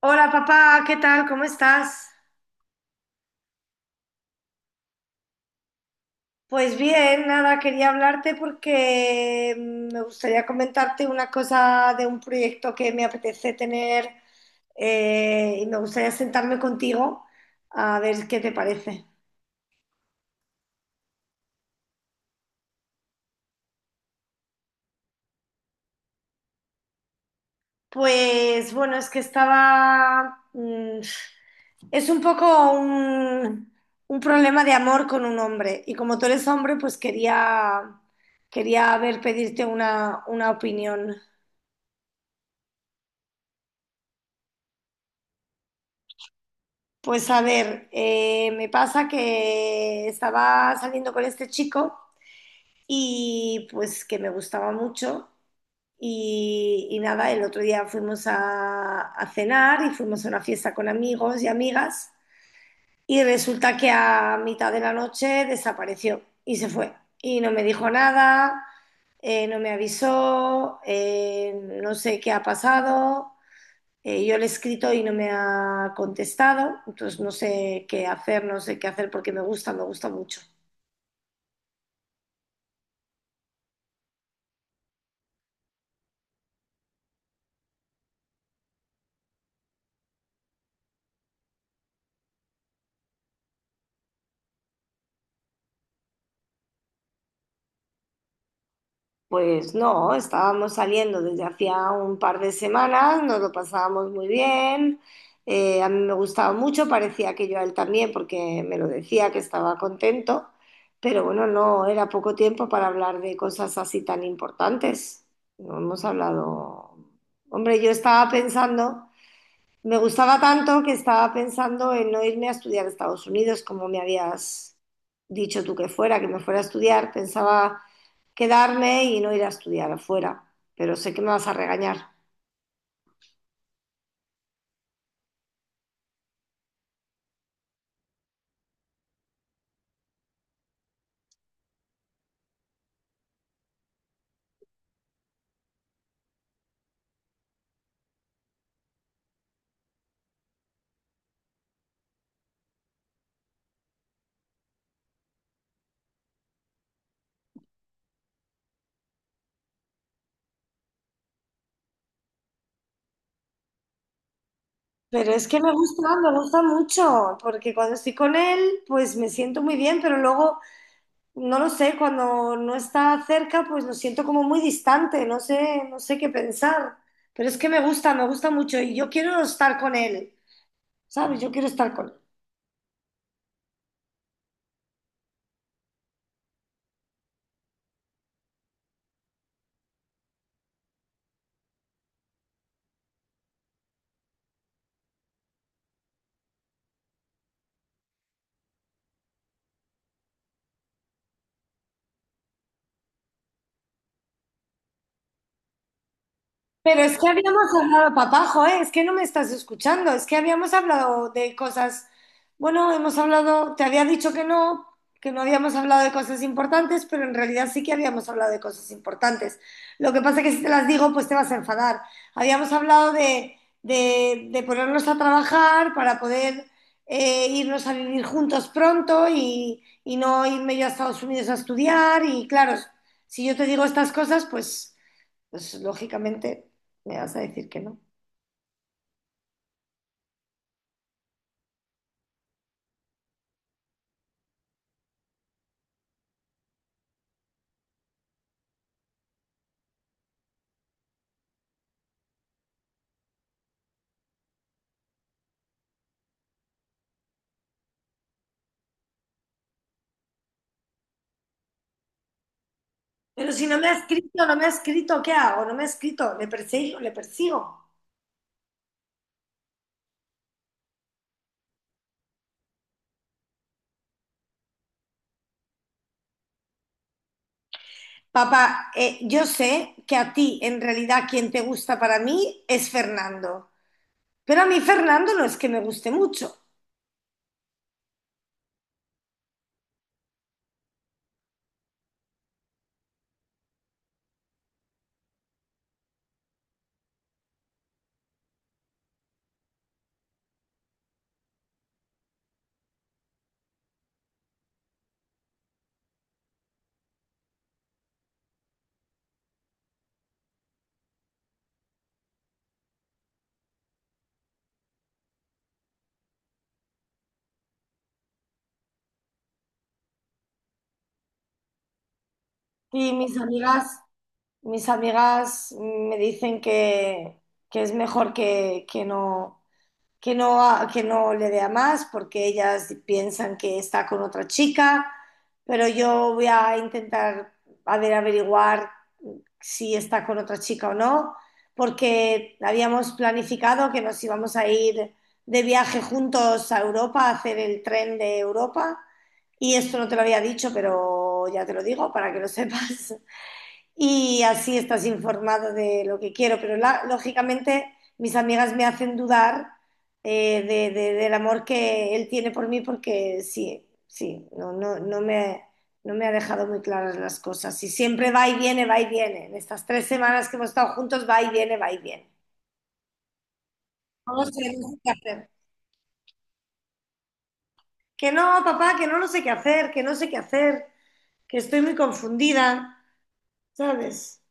Hola papá, ¿qué tal? ¿Cómo estás? Pues bien, nada, quería hablarte porque me gustaría comentarte una cosa de un proyecto que me apetece tener, y me gustaría sentarme contigo a ver qué te parece. Pues bueno, es que estaba... es un poco un problema de amor con un hombre y como tú eres hombre, pues quería ver, pedirte una opinión. Pues a ver, me pasa que estaba saliendo con este chico y pues que me gustaba mucho y nada, el otro día fuimos a cenar y fuimos a una fiesta con amigos y amigas y resulta que a mitad de la noche desapareció y se fue y no me dijo nada, no me avisó, no sé qué ha pasado. Yo le he escrito y no me ha contestado, entonces no sé qué hacer, no sé qué hacer porque me gusta mucho. Pues no, estábamos saliendo desde hacía un par de semanas, nos lo pasábamos muy bien, a mí me gustaba mucho, parecía que yo a él también porque me lo decía que estaba contento, pero bueno, no era poco tiempo para hablar de cosas así tan importantes. No hemos hablado. Hombre, yo estaba pensando. Me gustaba tanto que estaba pensando en no irme a estudiar a Estados Unidos, como me habías dicho tú que fuera, que me fuera a estudiar. Pensaba quedarme y no ir a estudiar afuera, pero sé que me vas a regañar. Pero es que me gusta mucho, porque cuando estoy con él, pues me siento muy bien, pero luego, no lo sé, cuando no está cerca, pues lo siento como muy distante, no sé, no sé qué pensar. Pero es que me gusta mucho y yo quiero estar con él, ¿sabes? Yo quiero estar con él. Pero es que habíamos hablado, papajo, ¿eh? Es que no me estás escuchando, es que habíamos hablado de cosas, bueno, hemos hablado, te había dicho que no habíamos hablado de cosas importantes, pero en realidad sí que habíamos hablado de cosas importantes. Lo que pasa es que si te las digo, pues te vas a enfadar. Habíamos hablado de ponernos a trabajar para poder, irnos a vivir juntos pronto y no irme yo a Estados Unidos a estudiar y claro, si yo te digo estas cosas, pues... Pues lógicamente me vas a decir que no. Pero si no me ha escrito, no me ha escrito, ¿qué hago? No me ha escrito, le persigo, le persigo. Papá, yo sé que a ti en realidad quien te gusta para mí es Fernando, pero a mí Fernando no es que me guste mucho. Y mis amigas me dicen que es mejor que no, que no, que no le dé a más porque ellas piensan que está con otra chica, pero yo voy a intentar a ver, averiguar si está con otra chica o no, porque habíamos planificado que nos íbamos a ir de viaje juntos a Europa, a hacer el tren de Europa, y esto no te lo había dicho, pero ya te lo digo para que lo sepas y así estás informado de lo que quiero. Pero lógicamente mis amigas me hacen dudar, del amor que él tiene por mí porque sí, sí, no, no, no me ha dejado muy claras las cosas. Y siempre va y viene, va y viene. En estas tres semanas que hemos estado juntos, va y viene, va y viene. No sé, no sé qué hacer. Que no, papá, que no sé qué hacer, que no sé qué hacer, que estoy muy confundida, ¿sabes?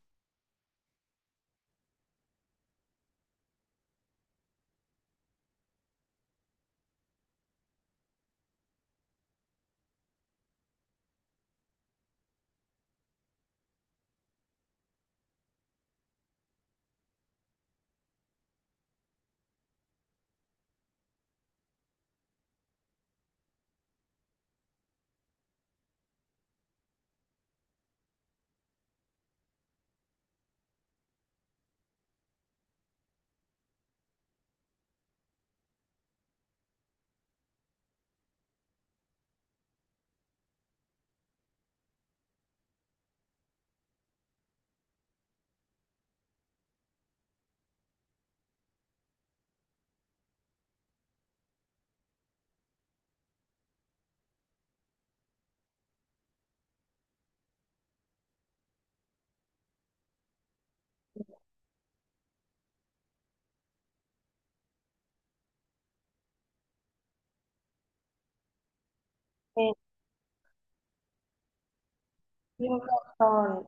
Eh, Tengo razón.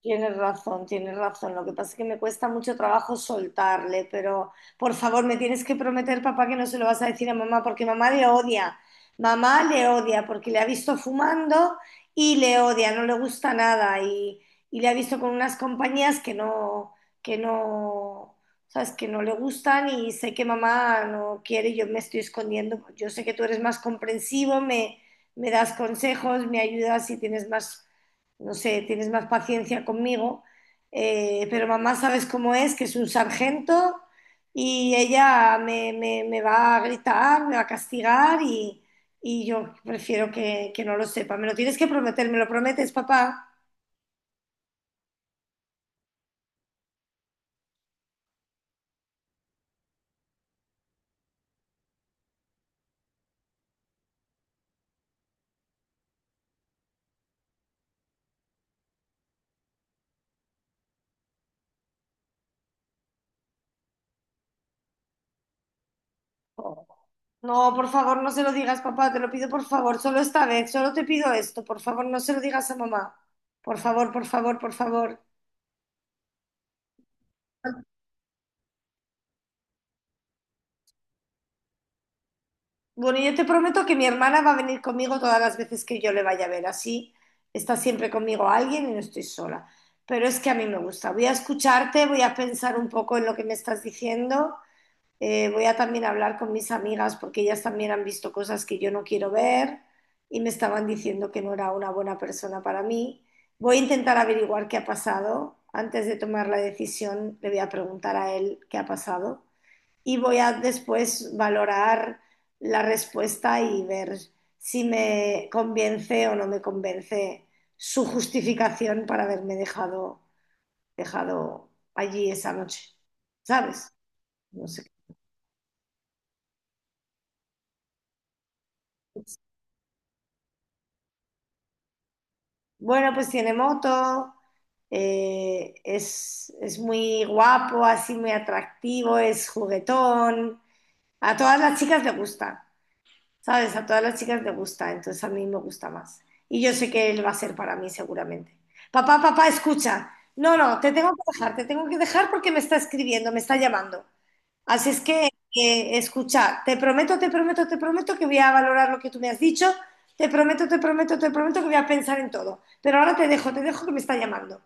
Tienes razón, tienes razón. Lo que pasa es que me cuesta mucho trabajo soltarle, pero por favor, me tienes que prometer, papá, que no se lo vas a decir a mamá, porque mamá le odia. Mamá le odia porque le ha visto fumando y le odia, no le gusta nada y le ha visto con unas compañías que no, sabes, que no le gustan y sé que mamá no quiere, y yo me estoy escondiendo. Yo sé que tú eres más comprensivo, me das consejos, me ayudas y tienes más, no sé, tienes más paciencia conmigo, pero mamá sabes cómo es, que es un sargento y ella me va a gritar, me va a castigar y yo prefiero que no lo sepa. Me lo tienes que prometer, ¿me lo prometes, papá? Oh. No, por favor, no se lo digas, papá, te lo pido por favor, solo esta vez, solo te pido esto, por favor, no se lo digas a mamá. Por favor, por favor, por favor. Bueno, yo te prometo que mi hermana va a venir conmigo todas las veces que yo le vaya a ver. Así está siempre conmigo alguien y no estoy sola. Pero es que a mí me gusta. Voy a escucharte, voy a pensar un poco en lo que me estás diciendo. Voy a también hablar con mis amigas porque ellas también han visto cosas que yo no quiero ver y me estaban diciendo que no era una buena persona para mí. Voy a intentar averiguar qué ha pasado. Antes de tomar la decisión, le voy a preguntar a él qué ha pasado y voy a después valorar la respuesta y ver si me convence o no me convence su justificación para haberme dejado allí esa noche, ¿sabes? No sé. Bueno, pues tiene moto, es muy guapo, así muy atractivo, es juguetón, a todas las chicas le gusta. ¿Sabes? A todas las chicas les gusta, entonces a mí me gusta más. Y yo sé que él va a ser para mí seguramente. Papá, papá, escucha. No, no, te tengo que dejar, te tengo que dejar porque me está escribiendo, me está llamando. Así es que, escucha, te prometo, te prometo, te prometo que voy a valorar lo que tú me has dicho. Te prometo, te prometo, te prometo que voy a pensar en todo. Pero ahora te dejo que me está llamando.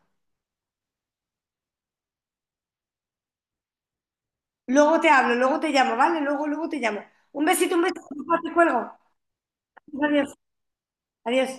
Luego te hablo, luego te llamo, ¿vale? Luego, luego te llamo. Un besito, papá, te cuelgo. Adiós, adiós.